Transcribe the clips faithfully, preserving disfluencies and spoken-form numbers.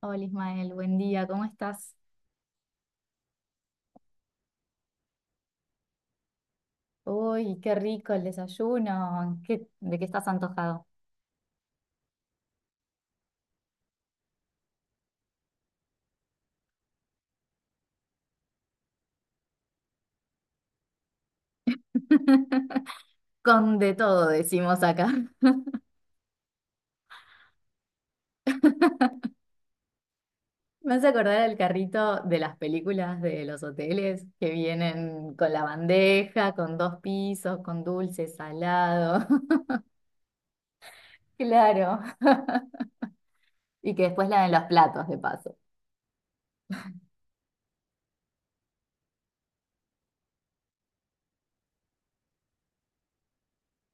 Hola Ismael, buen día, ¿cómo estás? Uy, qué rico el desayuno. ¿Qué- de qué estás antojado? Con de todo, decimos acá. Me hace acordar al carrito de las películas de los hoteles que vienen con la bandeja, con dos pisos, con dulce, salado. Claro. Y que después la de los platos, de paso.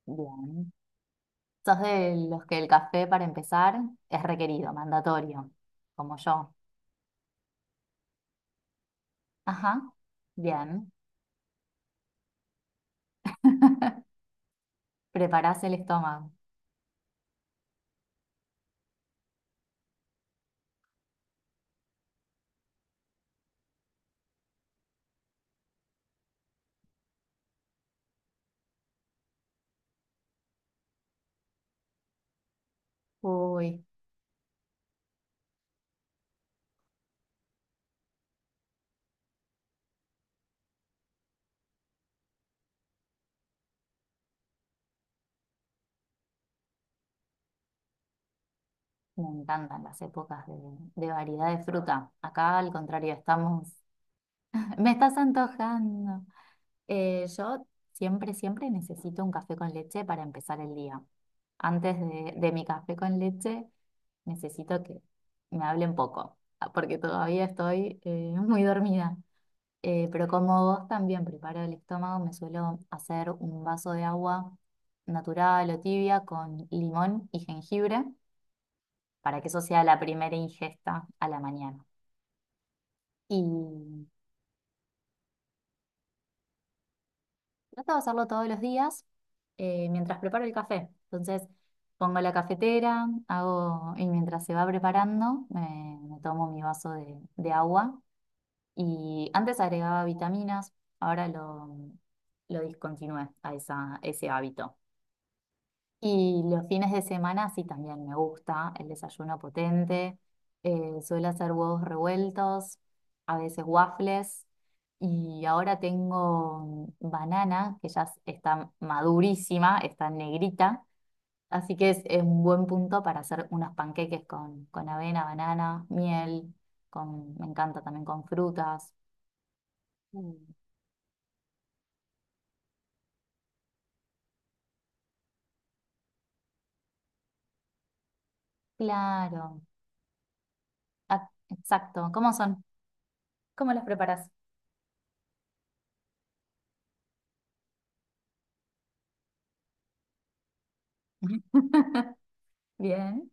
Bien. Sos de los que el café, para empezar, es requerido, mandatorio, como yo. Ajá. Bien. Preparás el estómago. Uy, me encantan las épocas de, de, variedad de fruta. Acá, al contrario, estamos... Me estás antojando. Eh, yo siempre, siempre necesito un café con leche para empezar el día. Antes de, de mi café con leche, necesito que me hablen poco, ah, porque todavía estoy eh, muy dormida. Eh, pero como vos también preparo el estómago, me suelo hacer un vaso de agua natural o tibia con limón y jengibre para que eso sea la primera ingesta a la mañana. Y trato de hacerlo todos los días eh, mientras preparo el café. Entonces pongo la cafetera, hago, y mientras se va preparando, me, me tomo mi vaso de, de, agua. Y antes agregaba vitaminas, ahora lo, lo discontinué a esa, ese hábito. Y los fines de semana sí también me gusta el desayuno potente. Eh, suelo hacer huevos revueltos, a veces waffles. Y ahora tengo banana, que ya s- está madurísima, está negrita. Así que es, es, un buen punto para hacer unos panqueques con, con avena, banana, miel. Con, me encanta también con frutas. Mm. Claro. Ah, exacto. ¿Cómo son? ¿Cómo los preparas? Bien,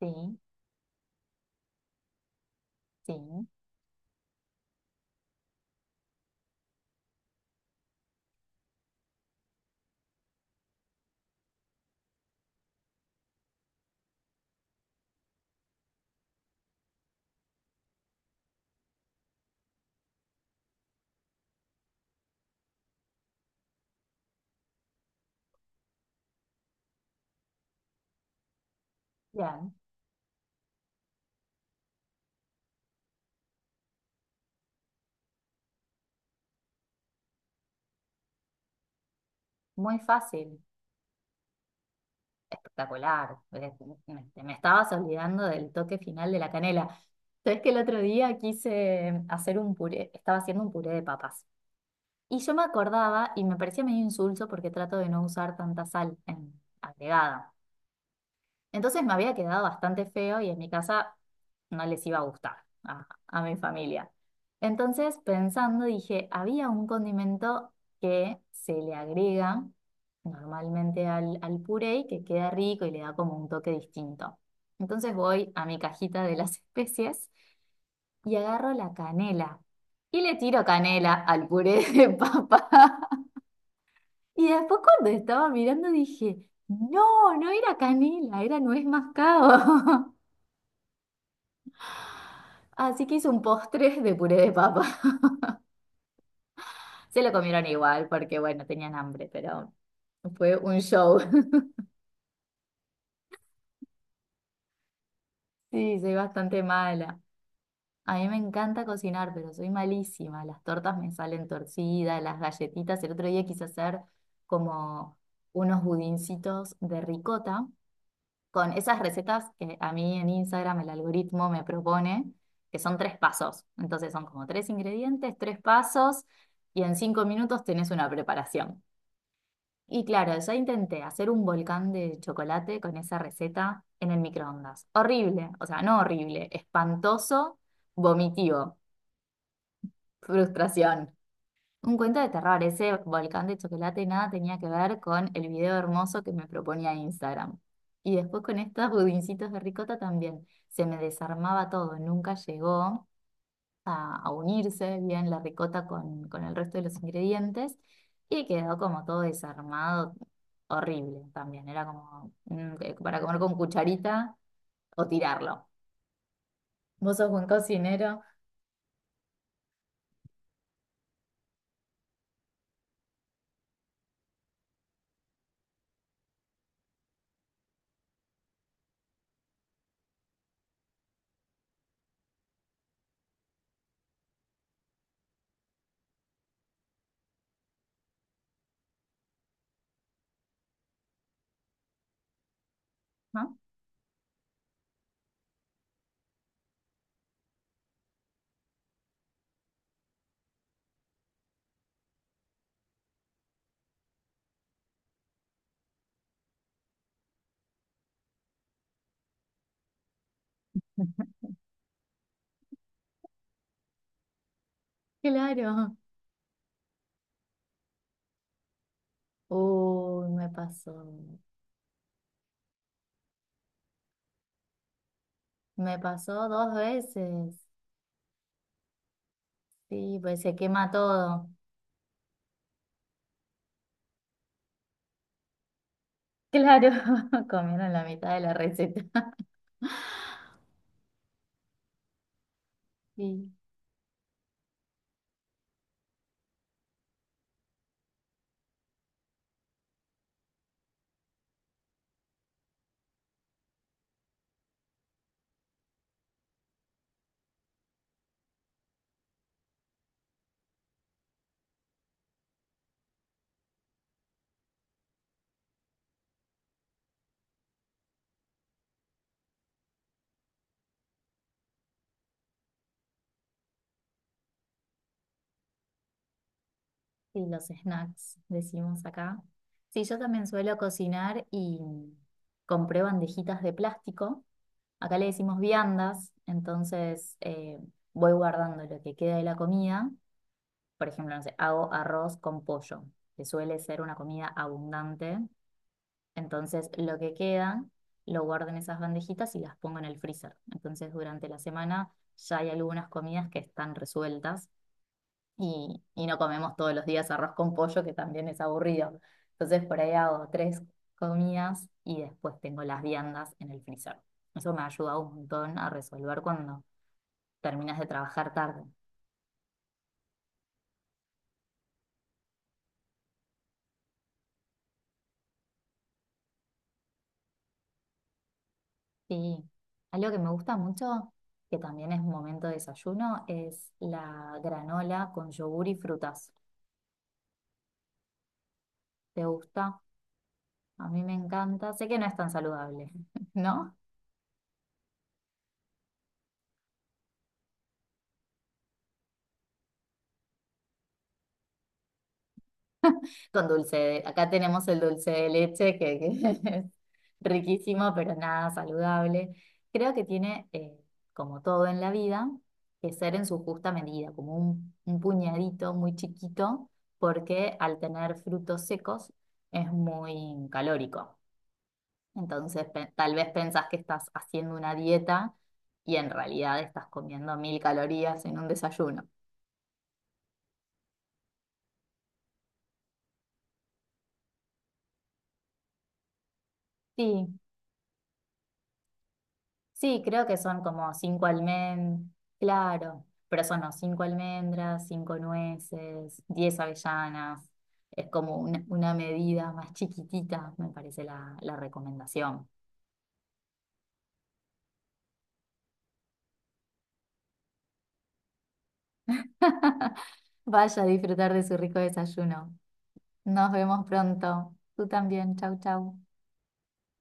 sí. Sí, bien, muy fácil, espectacular. Eh, Me, me estabas olvidando del toque final de la canela. Sabes que el otro día quise hacer un puré, estaba haciendo un puré de papas. Y yo me acordaba y me parecía medio insulso porque trato de no usar tanta sal en, agregada. Entonces me había quedado bastante feo y en mi casa no les iba a gustar a, a mi familia. Entonces, pensando, dije, había un condimento que se le agrega normalmente al, al puré y que queda rico y le da como un toque distinto. Entonces voy a mi cajita de las especies y agarro la canela y le tiro canela al puré de papa. Y después cuando estaba mirando dije, no, no era canela, era nuez mascabo. Así que hice un postre de puré de papa. Se lo comieron igual porque, bueno, tenían hambre, pero fue un show. Sí, soy bastante mala. A mí me encanta cocinar, pero soy malísima. Las tortas me salen torcidas, las galletitas. El otro día quise hacer como unos budincitos de ricota con esas recetas que a mí en Instagram el algoritmo me propone, que son tres pasos. Entonces son como tres ingredientes, tres pasos, y en cinco minutos tenés una preparación. Y claro, yo intenté hacer un volcán de chocolate con esa receta en el microondas. Horrible, o sea, no horrible, espantoso, vomitivo, frustración. Un cuento de terror, ese volcán de chocolate nada tenía que ver con el video hermoso que me proponía Instagram. Y después con estos budincitos de ricota también. Se me desarmaba todo, nunca llegó a, a unirse bien la ricota con, con, el resto de los ingredientes y quedó como todo desarmado, horrible también. Era como mm, que para comer con cucharita o tirarlo. Vos sos buen cocinero, ¿no? Claro. Uy, me pasó. Me pasó dos veces. Sí, pues se quema todo. Claro, comieron la mitad de la receta. Sí. Sí, los snacks, decimos acá. Sí, yo también suelo cocinar y compré bandejitas de plástico. Acá le decimos viandas, entonces eh, voy guardando lo que queda de la comida. Por ejemplo, no sé, hago arroz con pollo, que suele ser una comida abundante. Entonces, lo que queda lo guardo en esas bandejitas y las pongo en el freezer. Entonces, durante la semana ya hay algunas comidas que están resueltas y, y, no comemos todos los días arroz con pollo, que también es aburrido. Entonces por ahí hago tres comidas y después tengo las viandas en el freezer. Eso me ha ayudado un montón a resolver cuando terminas de trabajar tarde. Sí, algo que me gusta mucho, que también es un momento de desayuno, es la granola con yogur y frutas. ¿Te gusta? A mí me encanta. Sé que no es tan saludable, ¿no? Con dulce de, acá tenemos el dulce de leche que, que, es riquísimo, pero nada saludable. Creo que tiene, eh, como todo en la vida, que ser en su justa medida, como un, un puñadito muy chiquito, porque al tener frutos secos es muy calórico. Entonces, pe- tal vez pensás que estás haciendo una dieta y en realidad estás comiendo mil calorías en un desayuno. Sí, Sí, creo que son como cinco almendras, claro, pero son no, cinco almendras, cinco nueces, diez avellanas. Es como una, una, medida más chiquitita, me parece la, la recomendación. Vaya a disfrutar de su rico desayuno. Nos vemos pronto. Tú también. Chau, chau.